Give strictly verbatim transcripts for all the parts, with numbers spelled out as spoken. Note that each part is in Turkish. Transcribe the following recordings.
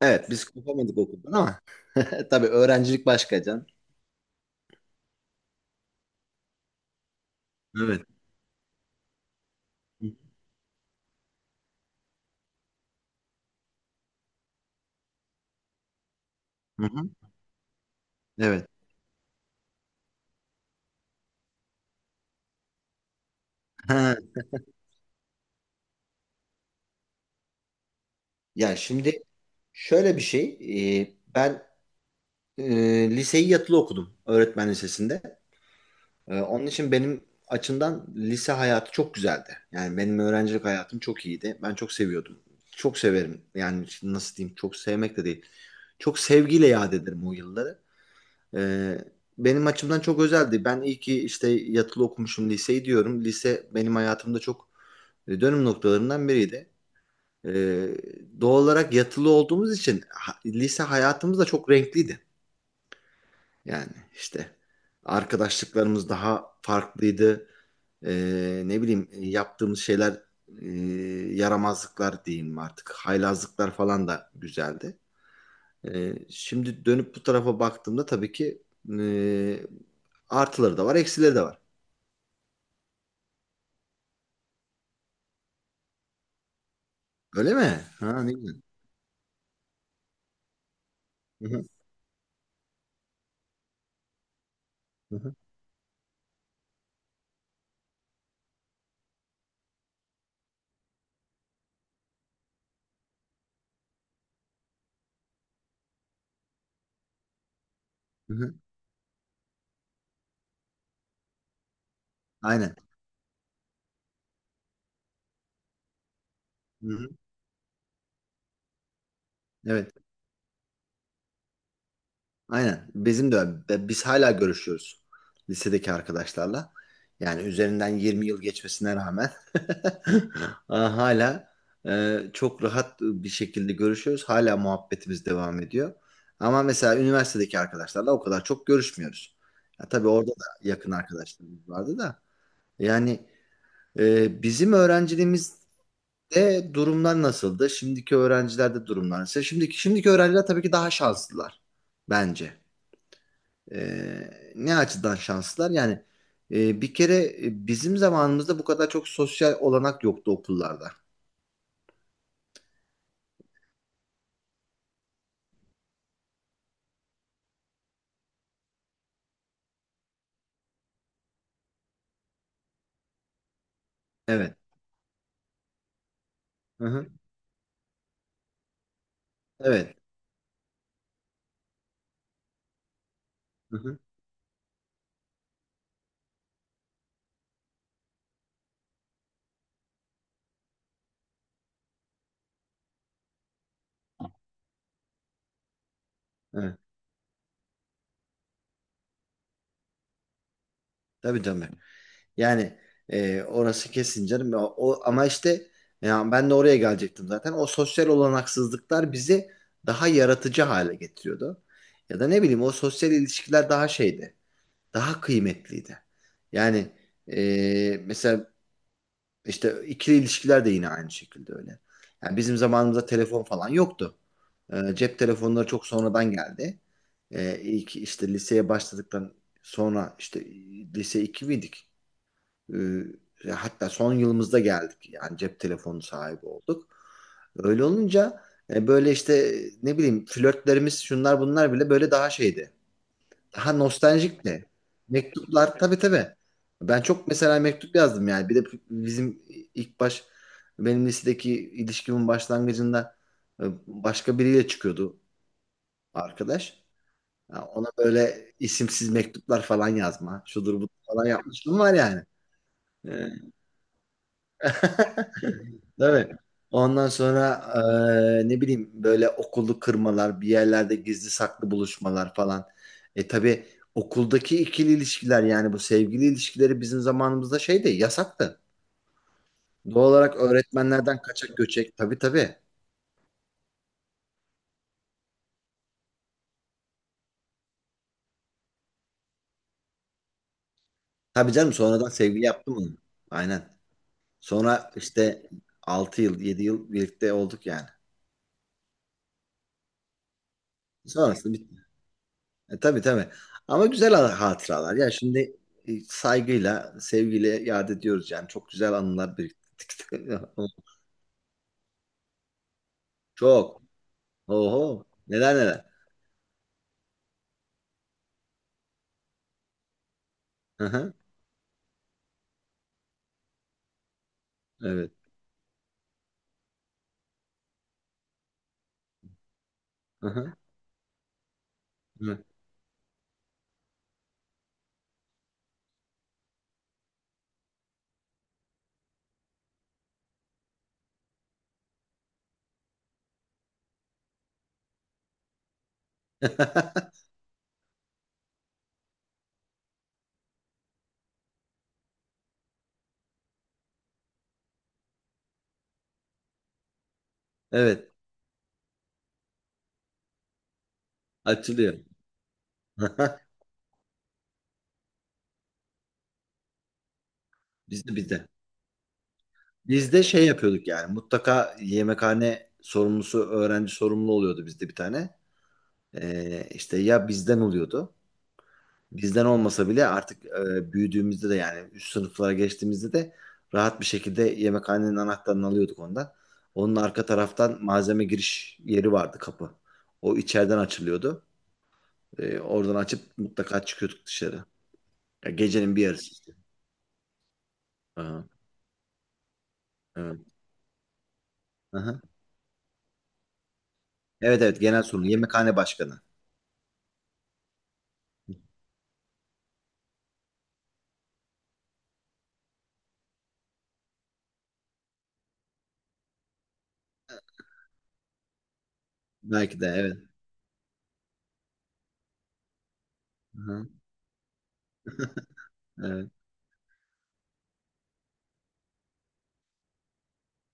Evet biz kopamadık okuldan ama tabii öğrencilik başka can. Evet. Hı hı. Hı hı. Evet. Ha. Ya şimdi şöyle bir şey e, ben e, liseyi yatılı okudum öğretmen lisesinde. E, onun için benim açımdan lise hayatı çok güzeldi. Yani benim öğrencilik hayatım çok iyiydi. Ben çok seviyordum. Çok severim. Yani nasıl diyeyim çok sevmek de değil. Çok sevgiyle yad ederim o yılları. Ee, benim açımdan çok özeldi. Ben iyi ki işte yatılı okumuşum liseyi diyorum. Lise benim hayatımda çok e, dönüm noktalarından biriydi. Ee, doğal olarak yatılı olduğumuz için ha- lise hayatımız da çok renkliydi. Yani işte arkadaşlıklarımız daha farklıydı. Ee, ne bileyim yaptığımız şeyler e, yaramazlıklar diyeyim artık. Haylazlıklar falan da güzeldi. Ee, şimdi dönüp bu tarafa baktığımda tabii ki e, artıları da var, eksileri de var. Öyle mi? Ha, ne güzel. Hı hı, hı hı, hı hı. Aynen. Hı hı. Evet. Aynen. Bizim de öyle. Biz hala görüşüyoruz lisedeki arkadaşlarla. Yani üzerinden yirmi yıl geçmesine rağmen hala e, çok rahat bir şekilde görüşüyoruz. Hala muhabbetimiz devam ediyor. Ama mesela üniversitedeki arkadaşlarla o kadar çok görüşmüyoruz. Ya, tabii orada da yakın arkadaşlarımız vardı da. Yani e, bizim öğrenciliğimizde durumlar nasıldı? Şimdiki öğrencilerde durumlar nasıl? Şimdiki, şimdiki öğrenciler tabii ki daha şanslılar bence. Ee, ne açıdan şanslılar? Yani e, bir kere e, bizim zamanımızda bu kadar çok sosyal olanak yoktu okullarda. Evet. Hı hı. Evet. Hı hı. Evet. Tabii tabii. Yani e, orası kesin canım. O, o- ama işte ya ben de oraya gelecektim zaten. O sosyal olanaksızlıklar bizi daha yaratıcı hale getiriyordu. Ya da ne bileyim o sosyal ilişkiler daha şeydi. Daha kıymetliydi. Yani e, mesela İşte ikili ilişkiler de yine aynı şekilde öyle. Yani bizim zamanımızda telefon falan yoktu. Ee, cep telefonları çok sonradan geldi. Ee, ilk işte liseye başladıktan sonra işte lise iki miydik? Ee, hatta son yılımızda geldik. Yani cep telefonu sahibi olduk. Öyle olunca e, böyle işte ne bileyim flörtlerimiz şunlar bunlar bile böyle daha şeydi ha nostaljik de. Mektuplar tabii tabii. Ben çok mesela mektup yazdım yani. Bir de bizim ilk baş benim lisedeki ilişkimin başlangıcında e, başka biriyle çıkıyordu arkadaş. Ha, ona böyle isimsiz mektuplar falan yazma. Şudur bu falan yapmışlığım var yani. Değil mi? Ondan sonra eee, ne bileyim böyle okullu kırmalar, bir yerlerde gizli saklı buluşmalar falan. E tabii okuldaki ikili ilişkiler yani bu sevgili ilişkileri bizim zamanımızda şeydi, yasaktı. Doğal olarak öğretmenlerden kaçak göçek. Tabii tabii. Tabii canım sonradan sevgili yaptım onu. Aynen. Sonra işte altı yıl, yedi yıl birlikte olduk yani. Sonrasında bir E, tabii tabii. Ama güzel ha- hatıralar. Ya şimdi e, saygıyla, sevgiyle yad ediyoruz yani. Çok güzel anılar biriktirdik. Çok. Oho. Neler neler. Hı. Evet. Hı-hı. Evet. Evet. Açılıyor. Bizde bizde. Biz de Biz de şey yapıyorduk yani. Mutlaka yemekhane sorumlusu, öğrenci sorumlu oluyordu bizde bir tane. Ee, işte ya bizden oluyordu. Bizden olmasa bile artık e, büyüdüğümüzde de yani üst sınıflara geçtiğimizde de rahat bir şekilde yemekhanenin anahtarını alıyorduk ondan. Onun arka taraftan malzeme giriş yeri vardı kapı. O içeriden açılıyordu. E, oradan açıp mutlaka çıkıyorduk dışarı. Ya gecenin bir yarısı işte. Aha, evet. Aha. Evet evet genel sorun. Yemekhane başkanı. Belki de evet. Aha, evet.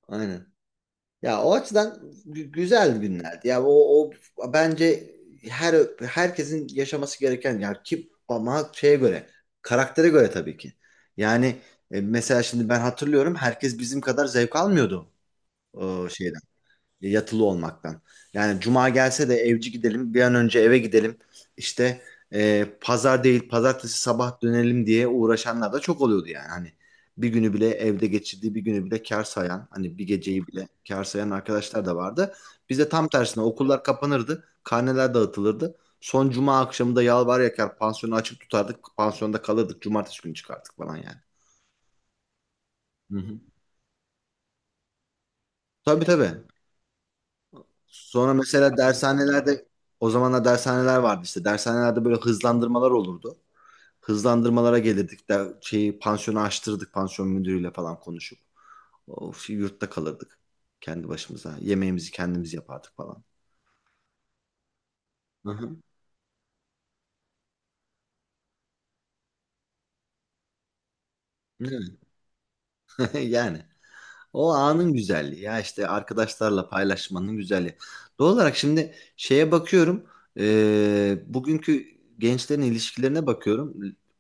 Aynen. Ya o açıdan gü- güzel günlerdi. Ya o, o bence her herkesin yaşaması gereken ya ki ama şeye göre, karaktere göre tabii ki. Yani e, mesela şimdi ben hatırlıyorum herkes bizim kadar zevk almıyordu o şeyden e, yatılı olmaktan. Yani cuma gelse de evci gidelim, bir an önce eve gidelim. İşte e, pazar değil, pazartesi sabah dönelim diye uğraşanlar da çok oluyordu yani. Hani bir günü bile evde geçirdiği bir günü bile kâr sayan, hani bir geceyi bile kâr sayan arkadaşlar da vardı. Bizde tam tersine okullar kapanırdı, karneler dağıtılırdı. Son cuma akşamı da yalvar yakar pansiyonu açık tutardık, pansiyonda kalırdık, cumartesi günü çıkardık falan yani. Hı hı. Tabii tabii. Sonra mesela dershanelerde o zamanlar dershaneler vardı işte. Dershanelerde böyle hızlandırmalar olurdu. Hızlandırmalara gelirdik de şeyi pansiyonu açtırdık pansiyon müdürüyle falan konuşup. Of, yurtta kalırdık kendi başımıza. Yemeğimizi kendimiz yapardık falan. Hı hı. Yani. O anın güzelliği ya işte arkadaşlarla paylaşmanın güzelliği. Doğal olarak şimdi şeye bakıyorum e, bugünkü gençlerin ilişkilerine bakıyorum.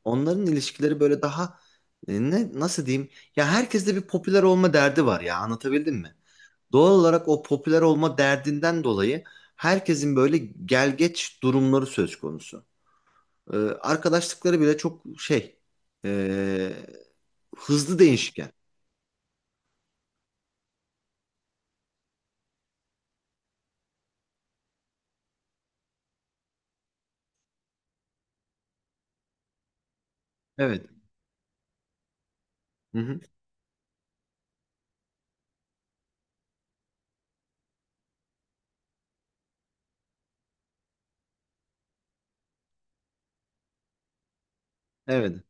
Onların ilişkileri böyle daha e, ne nasıl diyeyim ya herkeste bir popüler olma derdi var ya anlatabildim mi? Doğal olarak o popüler olma derdinden dolayı herkesin böyle gelgeç durumları söz konusu. E, arkadaşlıkları bile çok şey e, hızlı değişken. Evet. Hı hı. Evet.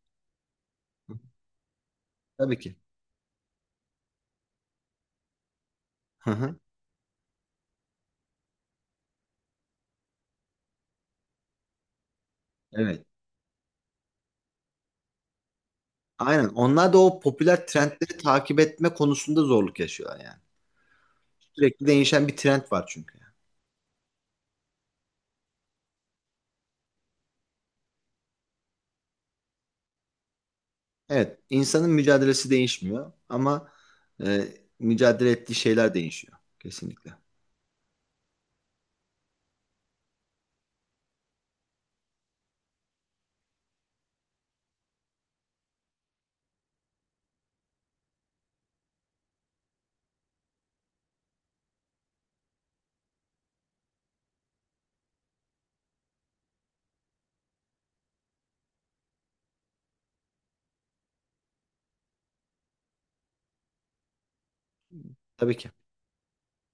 Tabii ki. Hı hı. Evet. Aynen. Onlar da o popüler trendleri takip etme konusunda zorluk yaşıyorlar yani. Sürekli değişen bir trend var çünkü, yani. Evet. insanın mücadelesi değişmiyor ama e, mücadele ettiği şeyler değişiyor. Kesinlikle. Tabii ki.